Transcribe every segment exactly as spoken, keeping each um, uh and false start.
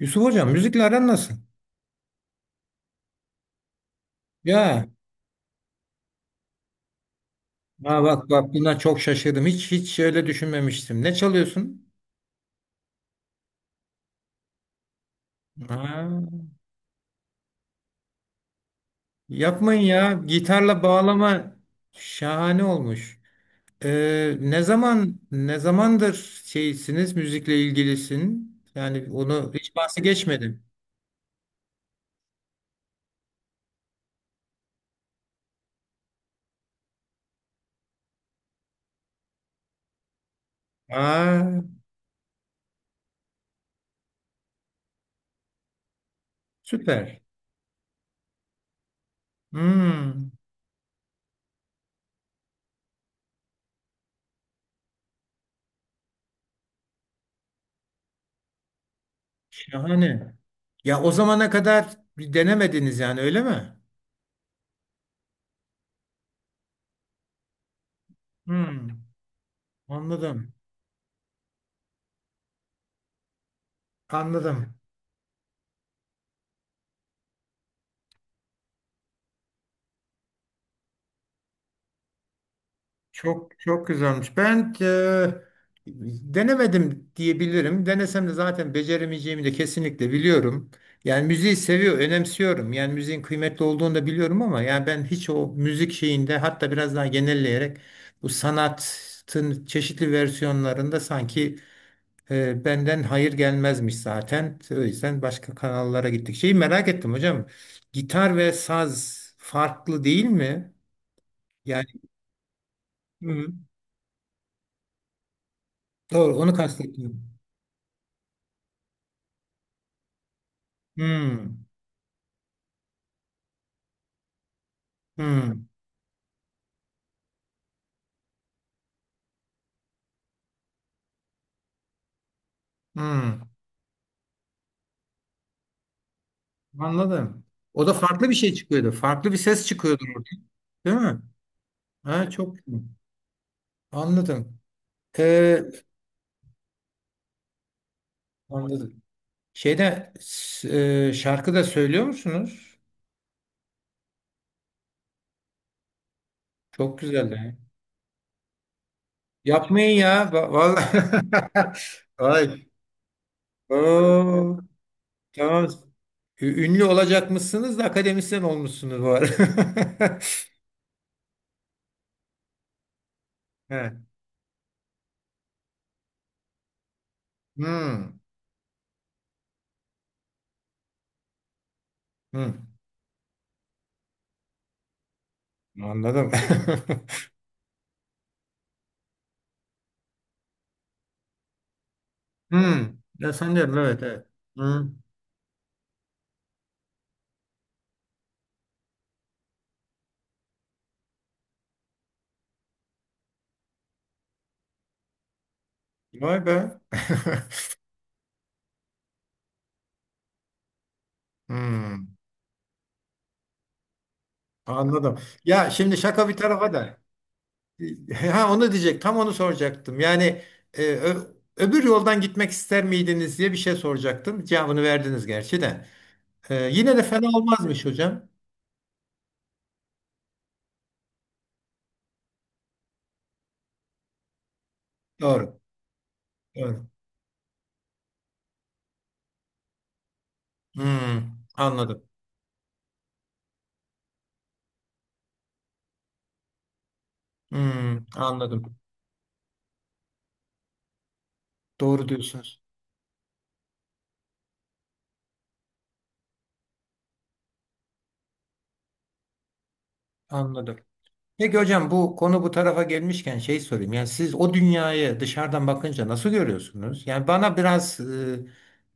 Yusuf Hocam müzikle aran nasıl? Ya. Ha, bak bak, buna çok şaşırdım. Hiç hiç öyle düşünmemiştim. Ne çalıyorsun? Ha. Yapmayın ya. Gitarla bağlama şahane olmuş. Ee, ne zaman ne zamandır şeysiniz müzikle ilgilisin? Yani onu hiç bahsi geçmedim. Aa. Süper. Hmm. Şahane. Ya o zamana kadar bir denemediniz yani öyle mi? Hmm, anladım. Anladım. Çok çok güzelmiş. Ben e, denemedim diyebilirim. Denesem de zaten beceremeyeceğimi de kesinlikle biliyorum. Yani müziği seviyor, önemsiyorum. Yani müziğin kıymetli olduğunu da biliyorum ama yani ben hiç o müzik şeyinde, hatta biraz daha genelleyerek bu sanatın çeşitli versiyonlarında sanki e, benden hayır gelmezmiş zaten. O yüzden başka kanallara gittik. Şeyi merak ettim hocam. Gitar ve saz farklı değil mi? Yani. Hı. Doğru, onu kastettim. Hmm, hmm, hmm. Anladım. O da farklı bir şey çıkıyordu. Farklı bir ses çıkıyordu orada, değil mi? Ha, çok iyi. Anladım. Ee, anladım. Şeyde s- e, şarkı da söylüyor musunuz? Çok güzel ya. Yapmayın ya. va- Vallahi. Ay. Oo. Tamam. Ü- Ünlü olacakmışsınız da akademisyen olmuşsunuz bu arada. He. Hmm, hmm. Anladım. Hmm. Ya, sanıyorum. Evet, evet. Hmm. Vay be. Hmm. Anladım. Ya şimdi şaka bir tarafa da. e, Ha, onu diyecek. Tam onu soracaktım. Yani e, ö- öbür yoldan gitmek ister miydiniz diye bir şey soracaktım. Cevabını verdiniz gerçi de. E, yine de fena olmazmış hocam. Doğru. Doğru. Hmm. Anladım. Hmm. Anladım. Doğru diyorsunuz. Anladım. Peki hocam, bu konu bu tarafa gelmişken şey sorayım. Yani siz o dünyayı dışarıdan bakınca nasıl görüyorsunuz? Yani bana biraz e,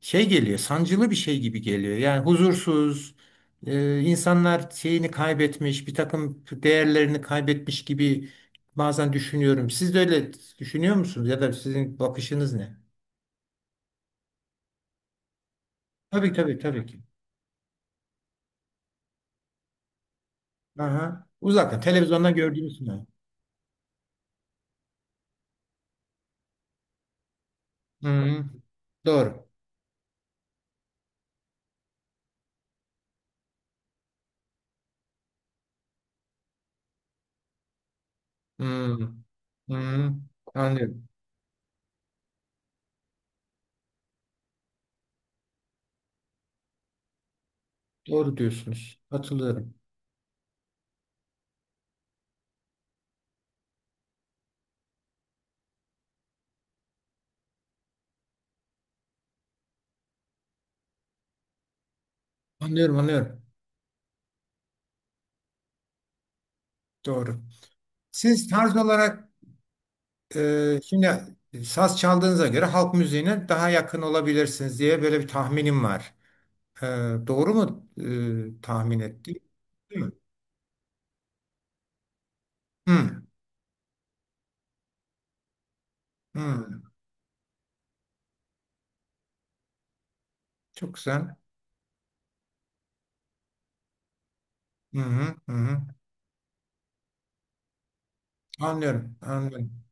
şey geliyor, sancılı bir şey gibi geliyor. Yani huzursuz, e, insanlar şeyini kaybetmiş, bir takım değerlerini kaybetmiş gibi bazen düşünüyorum. Siz de öyle düşünüyor musunuz? Ya da sizin bakışınız ne? Tabii, tabii, tabii ki. Aha. Uzaktan, televizyondan gördüğünüz mü? Hı, hı. Doğru. Hı, hı, anlıyorum. Doğru diyorsunuz. Katılıyorum. Anlıyorum, anlıyorum. Doğru. Siz tarz olarak e, şimdi saz çaldığınıza göre halk müziğine daha yakın olabilirsiniz diye böyle bir tahminim var. E, doğru mu e, tahmin ettim? Değil mi? Hı, hı. Çok güzel. Hı hı, hı hı. Anlıyorum, anlıyorum.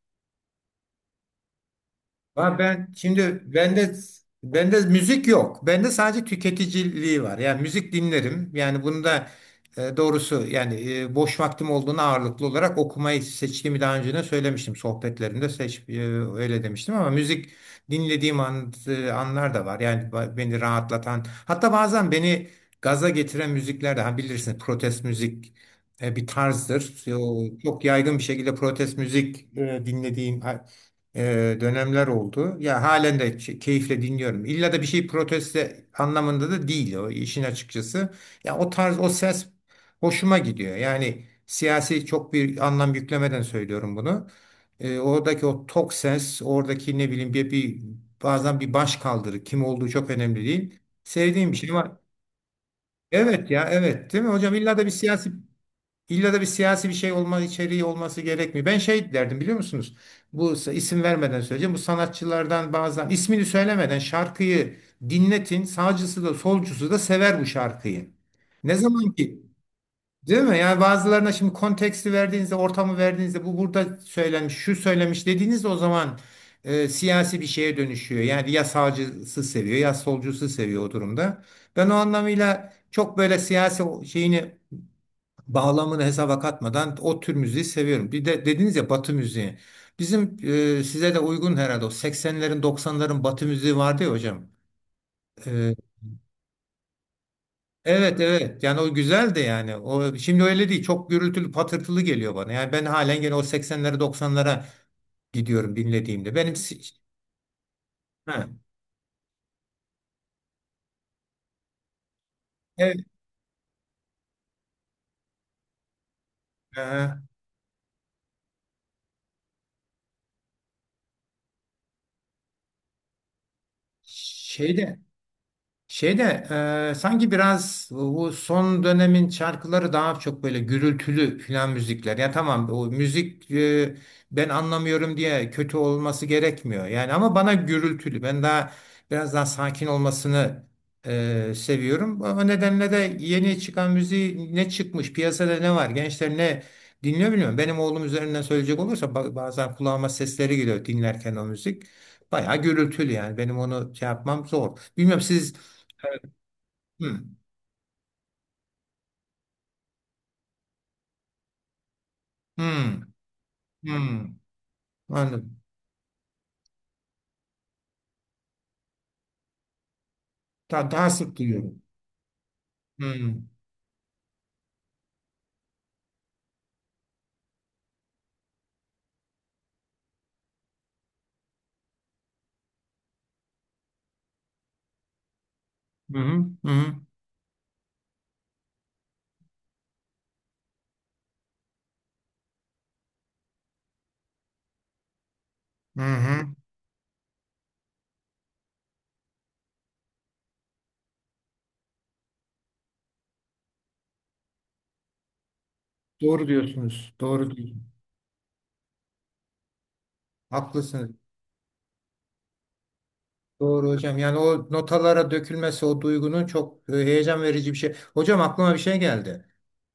Ha, ben şimdi bende bende müzik yok. Bende sadece tüketiciliği var. Yani müzik dinlerim. Yani bunu da e, doğrusu yani e, boş vaktim olduğunda ağırlıklı olarak okumayı seçtiğimi daha önce de söylemiştim. Sohbetlerimde seç e, öyle demiştim ama müzik dinlediğim an, e, anlar da var. Yani ba- beni rahatlatan, hatta bazen beni gaza getiren müzikler de, ha, bilirsiniz, protest müzik e, bir tarzdır. E, o çok yaygın bir şekilde protest müzik e, dinlediğim e, dönemler oldu. Ya halen de ç- keyifle dinliyorum. İlla da bir şey proteste anlamında da değil o işin, açıkçası. Ya o tarz, o ses hoşuma gidiyor. Yani siyasi çok bir anlam yüklemeden söylüyorum bunu. E, oradaki o tok ses, oradaki ne bileyim bir, bir, bazen bir baş kaldırı, kim olduğu çok önemli değil. Sevdiğim bir şey var. Evet ya, evet, değil mi hocam? İlla da bir siyasi İlla da bir siyasi bir şey olma, içeriği olması gerekmiyor. Ben şey derdim, biliyor musunuz? Bu, isim vermeden söyleyeceğim. Bu sanatçılardan bazen ismini söylemeden şarkıyı dinletin. Sağcısı da solcusu da sever bu şarkıyı. Ne zaman ki, değil mi? Yani bazılarına şimdi konteksti verdiğinizde, ortamı verdiğinizde, bu burada söylenmiş, şu söylemiş dediğinizde, o zaman e, siyasi bir şeye dönüşüyor. Yani ya sağcısı seviyor ya solcusu seviyor o durumda. Ben o anlamıyla çok böyle siyasi şeyini, bağlamını hesaba katmadan o tür müziği seviyorum. Bir de dediniz ya, Batı müziği. Bizim e, size de uygun herhalde, o seksenlerin, doksanların Batı müziği vardı ya hocam. E, evet, evet, yani o güzel de yani. O şimdi öyle değil, çok gürültülü patırtılı geliyor bana. Yani ben halen gene o seksenlere, doksanlara gidiyorum dinlediğimde. Benim si- ha, evet. E, şeyde Şeyde e, sanki biraz bu son dönemin şarkıları daha çok böyle gürültülü filan müzikler. Ya tamam, o müzik e, ben anlamıyorum diye kötü olması gerekmiyor. Yani ama bana gürültülü. Ben daha biraz daha sakin olmasını e, seviyorum. O nedenle de yeni çıkan müziği, ne çıkmış piyasada, ne var, gençler ne dinliyor bilmiyorum. Benim oğlum üzerinden söyleyecek olursa ba- bazen kulağıma sesleri geliyor dinlerken o müzik. Bayağı gürültülü yani, benim onu şey yapmam zor. Bilmiyorum siz. Hı. Hı. Hı. Anladım. Daha, daha sık duyuyorum. Hı. Hı hı. Hı hı. Hı hı. Doğru diyorsunuz. Doğru diyorsunuz. Haklısınız. Doğru hocam. Yani o notalara dökülmesi o duygunun çok e, heyecan verici bir şey. Hocam, aklıma bir şey geldi.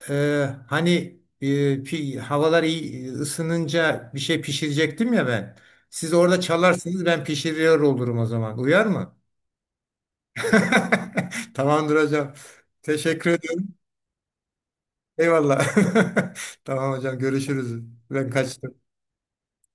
Ee, hani e, pi- havalar iyi e, ısınınca bir şey pişirecektim ya ben. Siz orada çalarsınız, ben pişiriyor olurum o zaman. Uyar mı? Tamamdır hocam. Teşekkür ederim. Eyvallah. Tamam hocam, görüşürüz. Ben kaçtım.